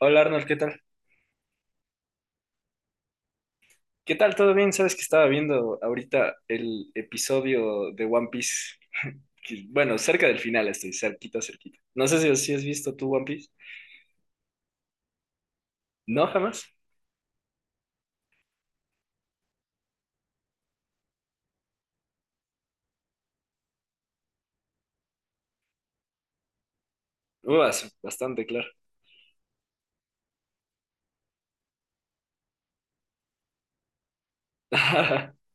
Hola Arnold, ¿qué tal? ¿Qué tal? ¿Todo bien? Sabes que estaba viendo ahorita el episodio de One Piece. Bueno, cerca del final estoy, cerquita, cerquita. No sé si has visto tú One Piece. No, jamás. Uas, bastante claro.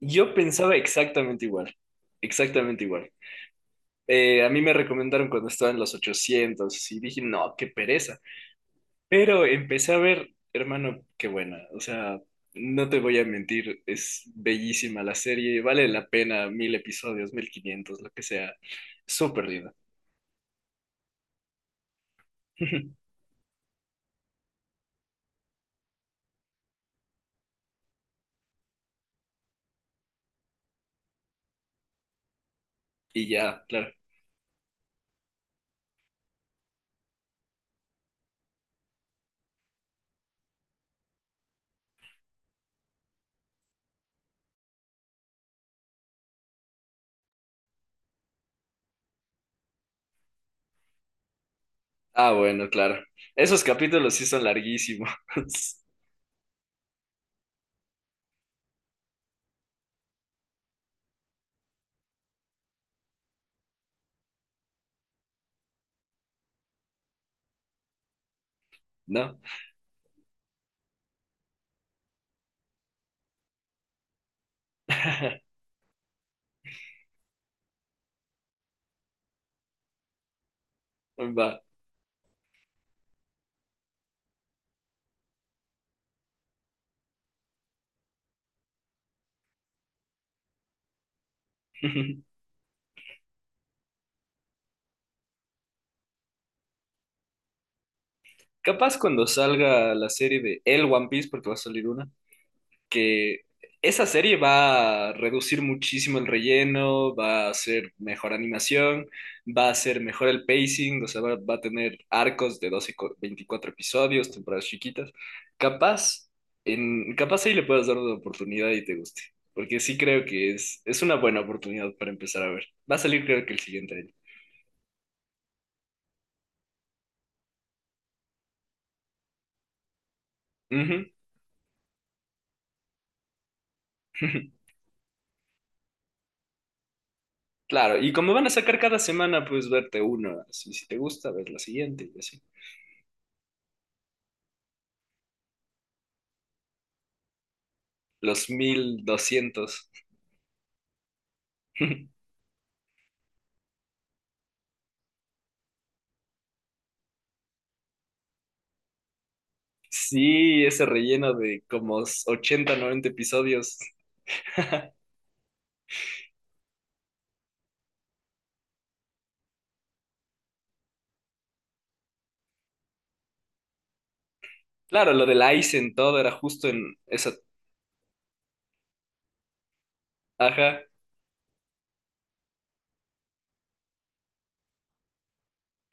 Yo pensaba exactamente igual, exactamente igual. A mí me recomendaron cuando estaba en los 800 y dije, no, qué pereza. Pero empecé a ver, hermano, qué buena. O sea, no te voy a mentir, es bellísima la serie, vale la pena 1000 episodios, 1500, lo que sea. Súper linda. Y ya, claro. Ah, bueno, claro. Esos capítulos sí son larguísimos. ¿No? Va. Capaz cuando salga la serie de El One Piece, porque va a salir una, que esa serie va a reducir muchísimo el relleno, va a ser mejor animación, va a ser mejor el pacing, o sea, va a tener arcos de 12 y 24 episodios, temporadas chiquitas. Capaz, capaz ahí le puedas dar una oportunidad y te guste, porque sí creo que es una buena oportunidad para empezar a ver. Va a salir creo que el siguiente año. Ujú. Claro, y como van a sacar cada semana, pues verte uno, así si te gusta, ver la siguiente y así. Los 1200. Sí, ese relleno de como 80 90 episodios. Claro, lo del Aizen, todo era justo en esa. Ajá.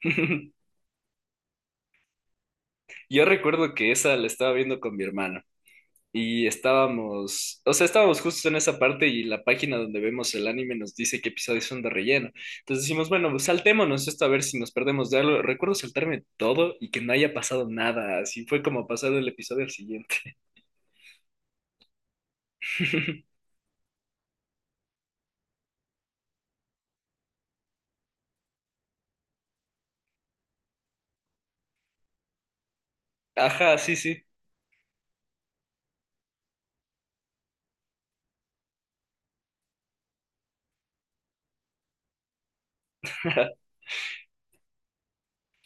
Yo recuerdo que esa la estaba viendo con mi hermano y estábamos, o sea, estábamos justo en esa parte y la página donde vemos el anime nos dice qué episodios son de relleno. Entonces decimos, bueno, pues saltémonos esto a ver si nos perdemos de algo. Recuerdo saltarme todo y que no haya pasado nada. Así fue como pasar del episodio al siguiente. Ajá, sí, sí.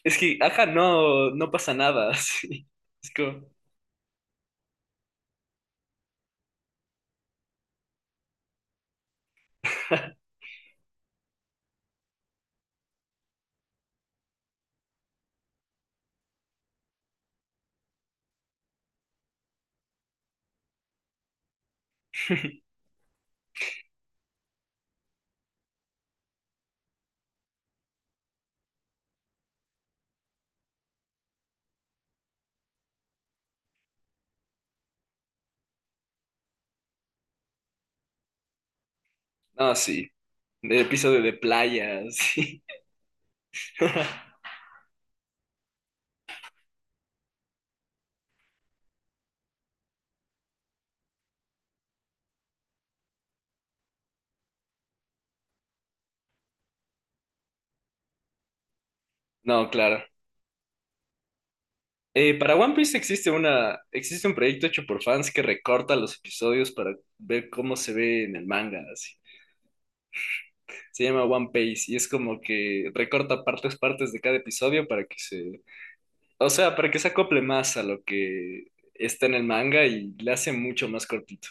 Es que, ajá, no, no pasa nada, sí. Es como, no, sí, de episodio de playa, sí. No, claro. Para One Piece existe un proyecto hecho por fans que recorta los episodios para ver cómo se ve en el manga, así. Se llama One Piece y es como que recorta partes de cada episodio para que se, o sea, para que se acople más a lo que está en el manga y le hace mucho más cortito.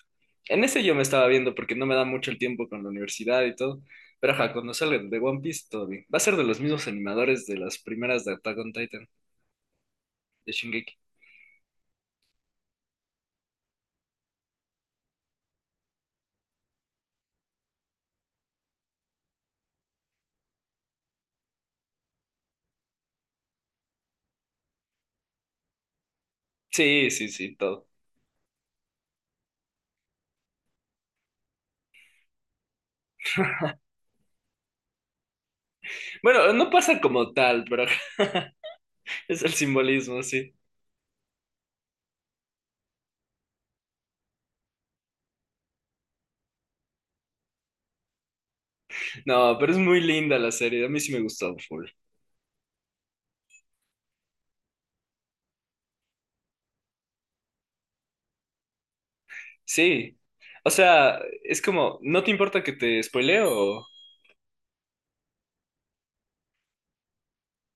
En ese yo me estaba viendo porque no me da mucho el tiempo con la universidad y todo. Pero ajá, cuando salga el de One Piece, todo bien. Va a ser de los mismos animadores de las primeras de Attack on Titan, de Shingeki. Sí, sí, sí, todo. Bueno, no pasa como tal, pero es el simbolismo, sí. No, pero es muy linda la serie. A mí sí me gustó full. Sí. O sea, es como, ¿no te importa que te spoileo?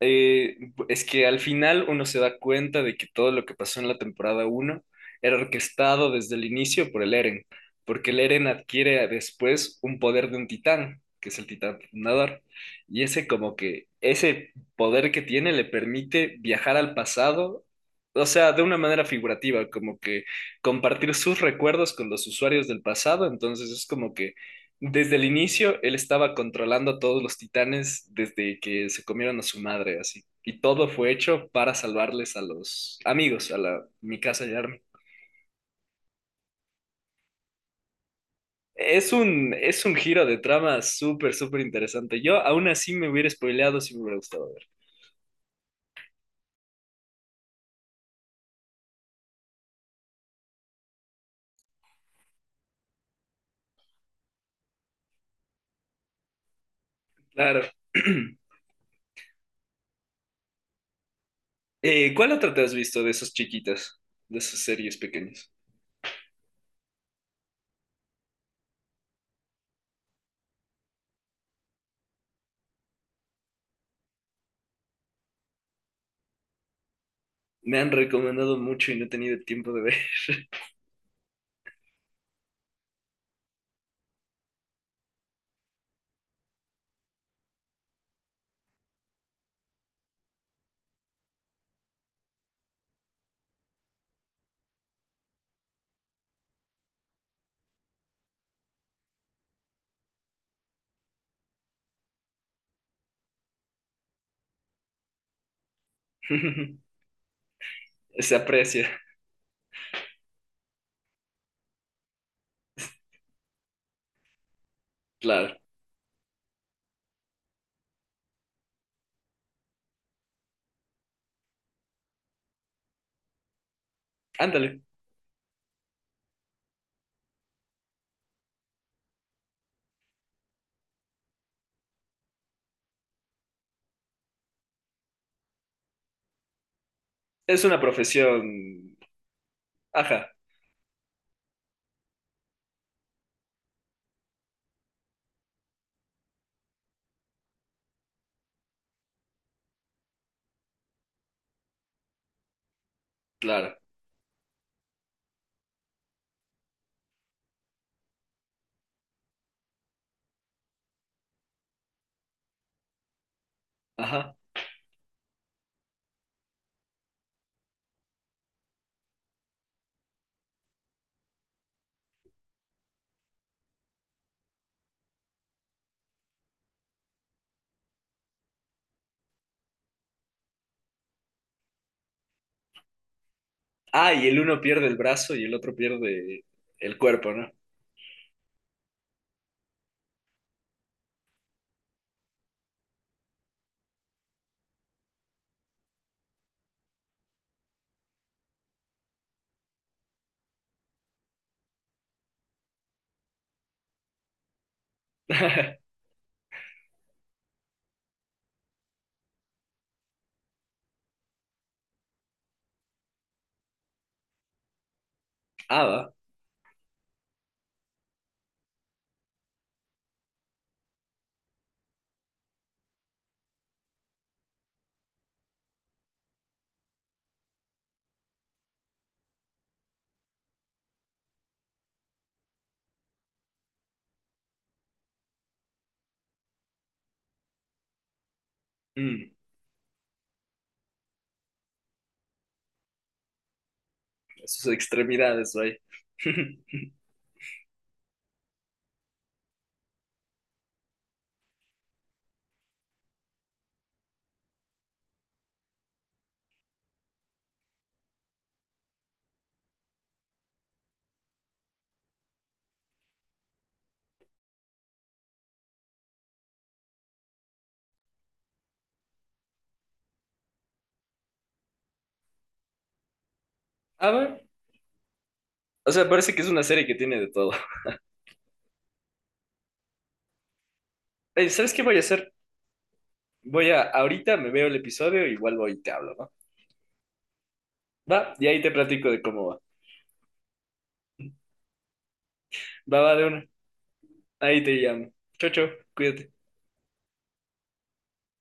Es que al final uno se da cuenta de que todo lo que pasó en la temporada uno era orquestado desde el inicio por el Eren, porque el Eren adquiere después un poder de un titán, que es el titán fundador, y ese como que ese poder que tiene le permite viajar al pasado, o sea, de una manera figurativa, como que compartir sus recuerdos con los usuarios del pasado, entonces es como que desde el inicio, él estaba controlando a todos los titanes desde que se comieron a su madre, así. Y todo fue hecho para salvarles a los amigos, a la Mikasa y Armin. Es un giro de trama súper, súper interesante. Yo aún así me hubiera spoileado si me hubiera gustado ver. Claro. ¿Cuál otra te has visto de esos chiquitas, de esas series pequeñas? Me han recomendado mucho y no he tenido tiempo de ver. Se aprecia, claro. Ándale. Es una profesión. Ajá, claro. Ajá. Ah, y el uno pierde el brazo y el otro pierde el cuerpo, ¿no? Ah, va. Mm, sus extremidades, vaya. A ver. O sea, parece que es una serie que tiene de todo. Ey, ¿sabes qué voy a hacer? Voy a, ahorita me veo el episodio y vuelvo y te hablo, ¿va? Va, y ahí te platico de cómo va. Va, va de una. Ahí te llamo. Chau, chau. Cuídate.